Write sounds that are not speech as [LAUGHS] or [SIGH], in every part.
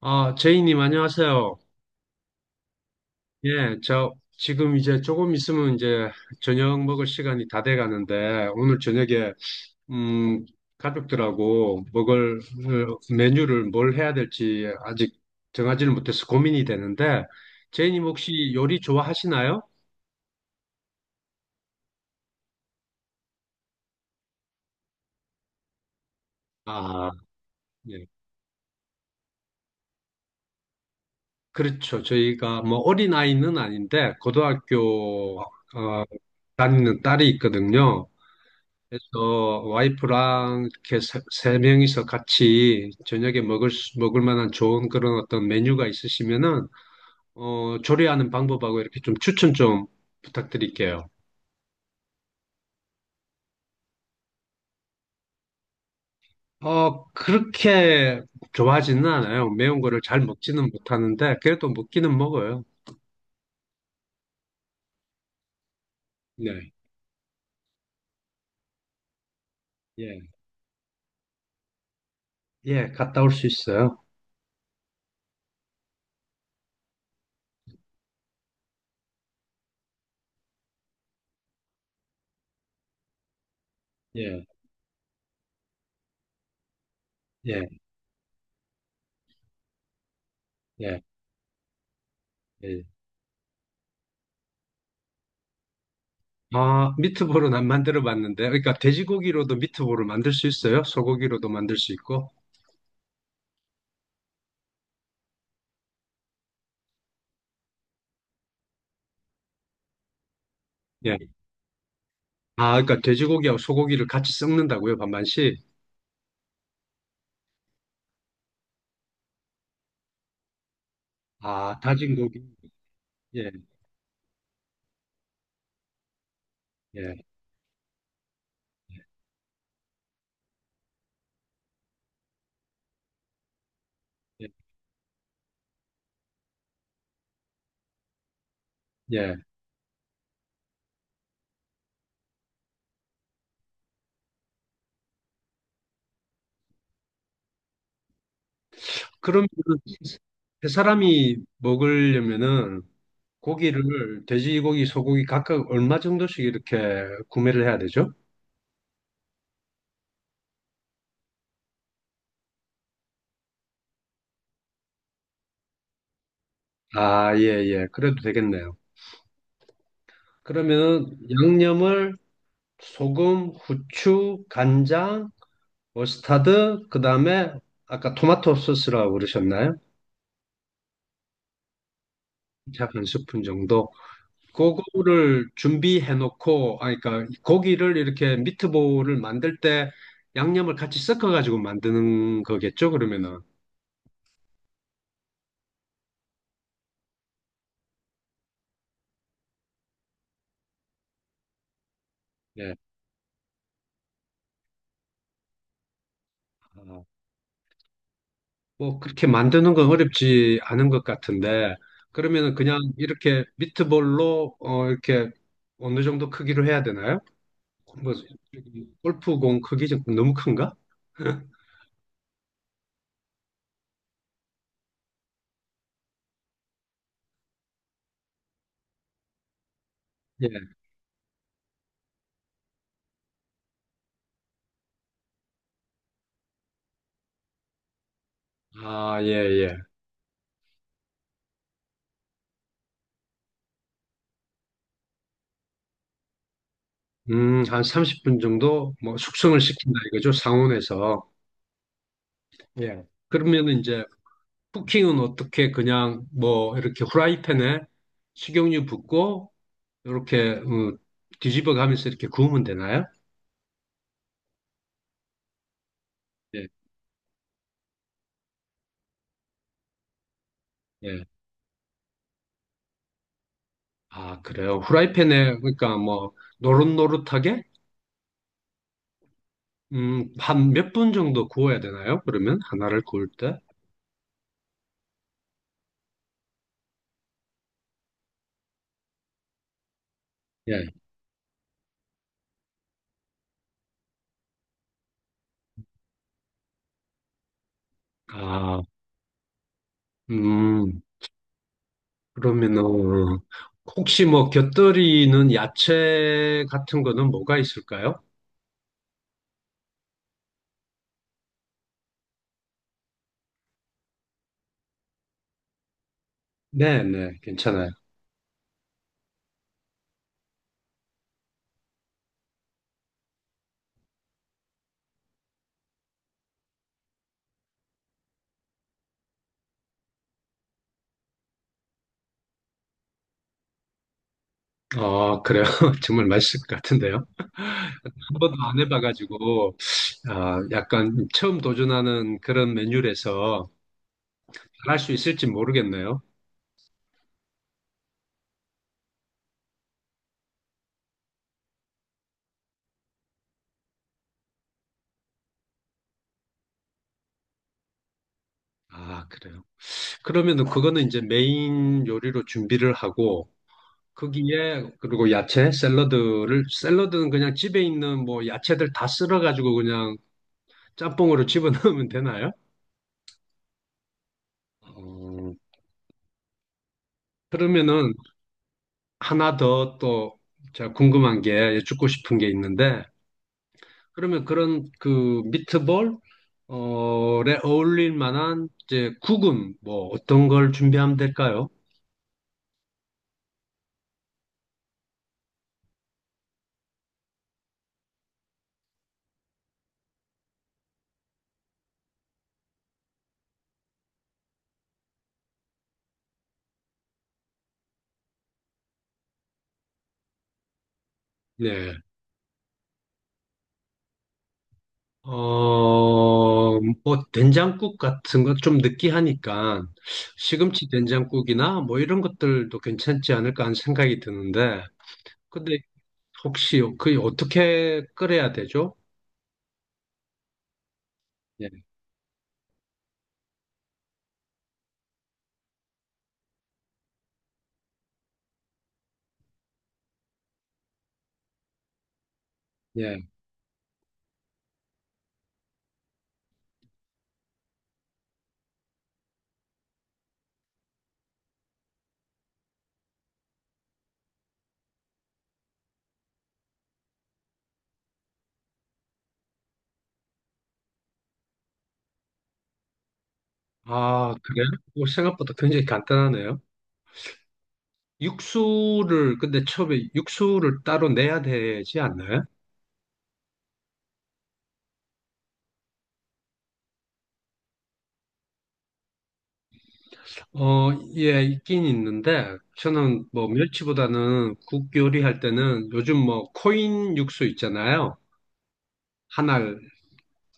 아, 제이님, 안녕하세요. 예, 저 지금 이제 조금 있으면 이제 저녁 먹을 시간이 다돼 가는데 오늘 저녁에 음, 가족들하고 먹을 메뉴를 뭘 해야 될지 아직 정하지는 못해서 고민이 되는데 제이님 혹시 요리 좋아하시나요? 아, 예. 그렇죠. 저희가 뭐 어린아이는 아닌데 고등학교 다니는 딸이 있거든요. 그래서 와이프랑 이렇게 세 명이서 같이 저녁에 먹을 만한 좋은 그런 어떤 메뉴가 있으시면은 조리하는 방법하고 이렇게 좀 추천 좀 부탁드릴게요. 그렇게 좋아하지는 않아요. 매운 거를 잘 먹지는 못하는데 그래도 먹기는 먹어요. 네. 예. 예, 갔다 올 수 있어요. 예. 예. 예. 예. 아, 미트볼은 안 만들어 봤는데 그러니까 돼지고기로도 미트볼을 만들 수 있어요? 소고기로도 만들 수 있고. 예. 아, 그러니까 돼지고기하고 소고기를 같이 섞는다고요, 반반씩? 아, 다진 고기. 예, 예, 예, 예. 그러면 세 사람이 먹으려면은 고기를 돼지고기, 소고기 각각 얼마 정도씩 이렇게 구매를 해야 되죠? 아, 예, 예. 그래도 되겠네요. 그러면 양념을 소금, 후추, 간장, 머스타드, 그다음에 아까 토마토 소스라고 그러셨나요? 약 한 스푼 정도. 그거를 준비해 놓고, 아, 그러니까 고기를 이렇게 미트볼을 만들 때 양념을 같이 섞어가지고 만드는 거겠죠, 그러면은. 예. 아, 뭐 그렇게 만드는 건 어렵지 않은 것 같은데, 그러면은 그냥 이렇게 미트볼로, 이렇게 어느 정도 크기로 해야 되나요? 뭐, 골프공 크기 좀 너무 큰가? 예. 아, 예, 예. 한 30분 정도 뭐 숙성을 시킨다 이거죠, 상온에서. 예. 그러면은 이제 쿠킹은 어떻게 그냥 뭐 이렇게 후라이팬에 식용유 붓고 이렇게 음, 뒤집어 가면서 이렇게 구우면 되나요? 예, 예. 아, 그래요. 후라이팬에 그러니까 뭐 노릇노릇하게 한 몇 분 정도 구워야 되나요? 그러면 하나를 구울 때? 예. 아, 음, 그러면은 혹시 뭐 곁들이는 야채 같은 거는 뭐가 있을까요? 네, 네, 괜찮아요. 아, 그래요. [LAUGHS] 정말 맛있을 것 같은데요. 한 번도 안 해봐가지고 아, 약간 처음 도전하는 그런 메뉴라서 잘할 수 있을지 모르겠네요. 아, 그래요. 그러면은 그거는 이제 메인 요리로 준비를 하고 거기에 그리고 야채, 샐러드를 샐러드는 그냥 집에 있는 뭐 야채들 다 썰어가지고 그냥 짬뽕으로 [LAUGHS] 집어넣으면 되나요? 어, 그러면은 하나 더 또 제가 궁금한 게 여쭙고 싶은 게 있는데 그러면 그런 그 미트볼 어에 어울릴 만한 이제 국은 뭐 어떤 걸 준비하면 될까요? 네. 뭐 된장국 같은 거 좀 느끼하니까 시금치 된장국이나 뭐 이런 것들도 괜찮지 않을까 하는 생각이 드는데 근데 혹시 그 어떻게 끓여야 되죠? 예. 예. 아, 그래요? 뭐 생각보다 굉장히 간단하네요. 육수를, 근데 처음에 육수를 따로 내야 되지 않나요? 어, 예, 있긴 있는데, 저는 뭐 멸치보다는 국 요리할 때는 요즘 뭐 코인 육수 있잖아요. 한알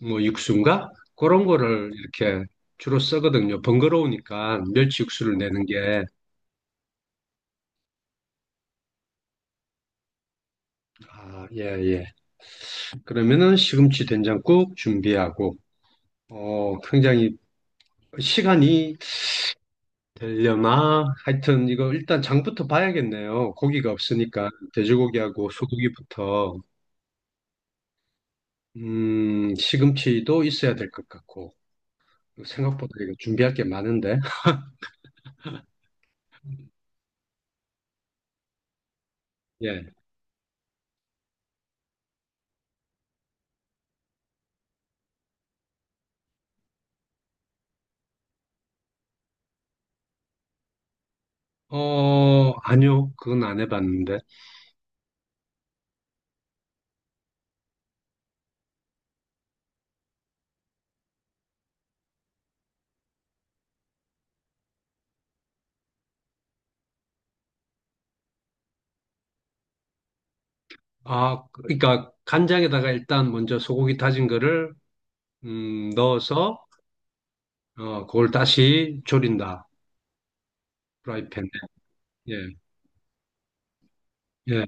뭐 육수인가? 그런 거를 이렇게 주로 쓰거든요. 번거로우니까 멸치 육수를 내는 게. 아, 예, 예. 그러면은 시금치 된장국 준비하고, 어, 굉장히 시간이 되려나? 하여튼 이거 일단 장부터 봐야겠네요. 고기가 없으니까 돼지고기하고 소고기부터 시금치도 있어야 될 것 같고 생각보다 이거 준비할 게 많은데. [LAUGHS] 예. 어, 아니요. 그건 안 해봤는데. 아, 그러니까 간장에다가 일단 먼저 소고기 다진 거를 넣어서 어, 그걸 다시 조린다. 프라이팬에. 예. 예.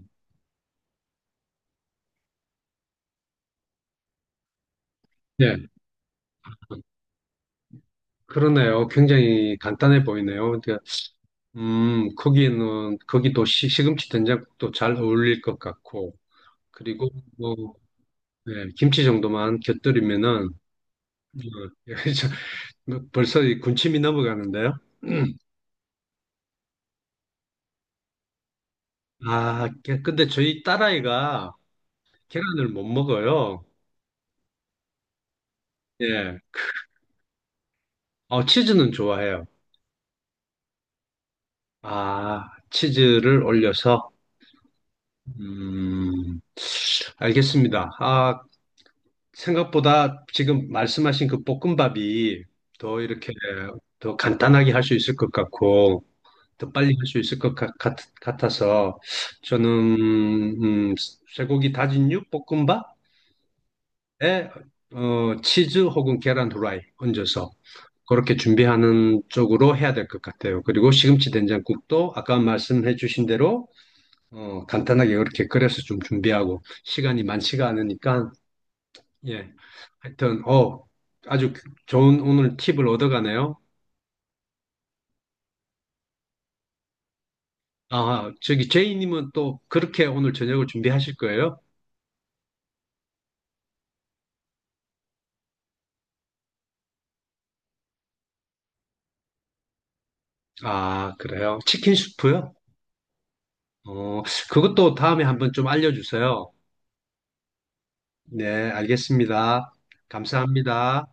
예. 그러네요. 굉장히 간단해 보이네요. 그러니까 거기도 시금치 된장국도 잘 어울릴 것 같고, 그리고 뭐, 예, 김치 정도만 곁들이면은, 어, [LAUGHS] 저- 뭐 벌써 이 군침이 넘어가는데요? 아, 깨- 근데 저희 딸아이가 계란을 못 먹어요. 예. 어, 치즈는 좋아해요. 아, 치즈를 올려서, 음, 알겠습니다. 아, 생각보다 지금 말씀하신 그 볶음밥이 더 이렇게 더 간단하게 할 수 있을 것 같고 더 빨리 할 수 있을 것 같, 아서 저는 음, 쇠고기 다진육 볶음밥에 어, 치즈 혹은 계란 후라이 얹어서 그렇게 준비하는 쪽으로 해야 될 것 같아요. 그리고 시금치 된장국도 아까 말씀해 주신 대로 어, 간단하게 이렇게 끓여서 좀 준비하고 시간이 많지가 않으니까 예. 하여튼, 어, 아주 좋은 오늘 팁을 얻어가네요. 아, 저기 제이님은 또 그렇게 오늘 저녁을 준비하실 거예요? 아, 그래요. 치킨 수프요? 어, 그것도 다음에 한번 좀 알려주세요. 네, 알겠습니다. 감사합니다.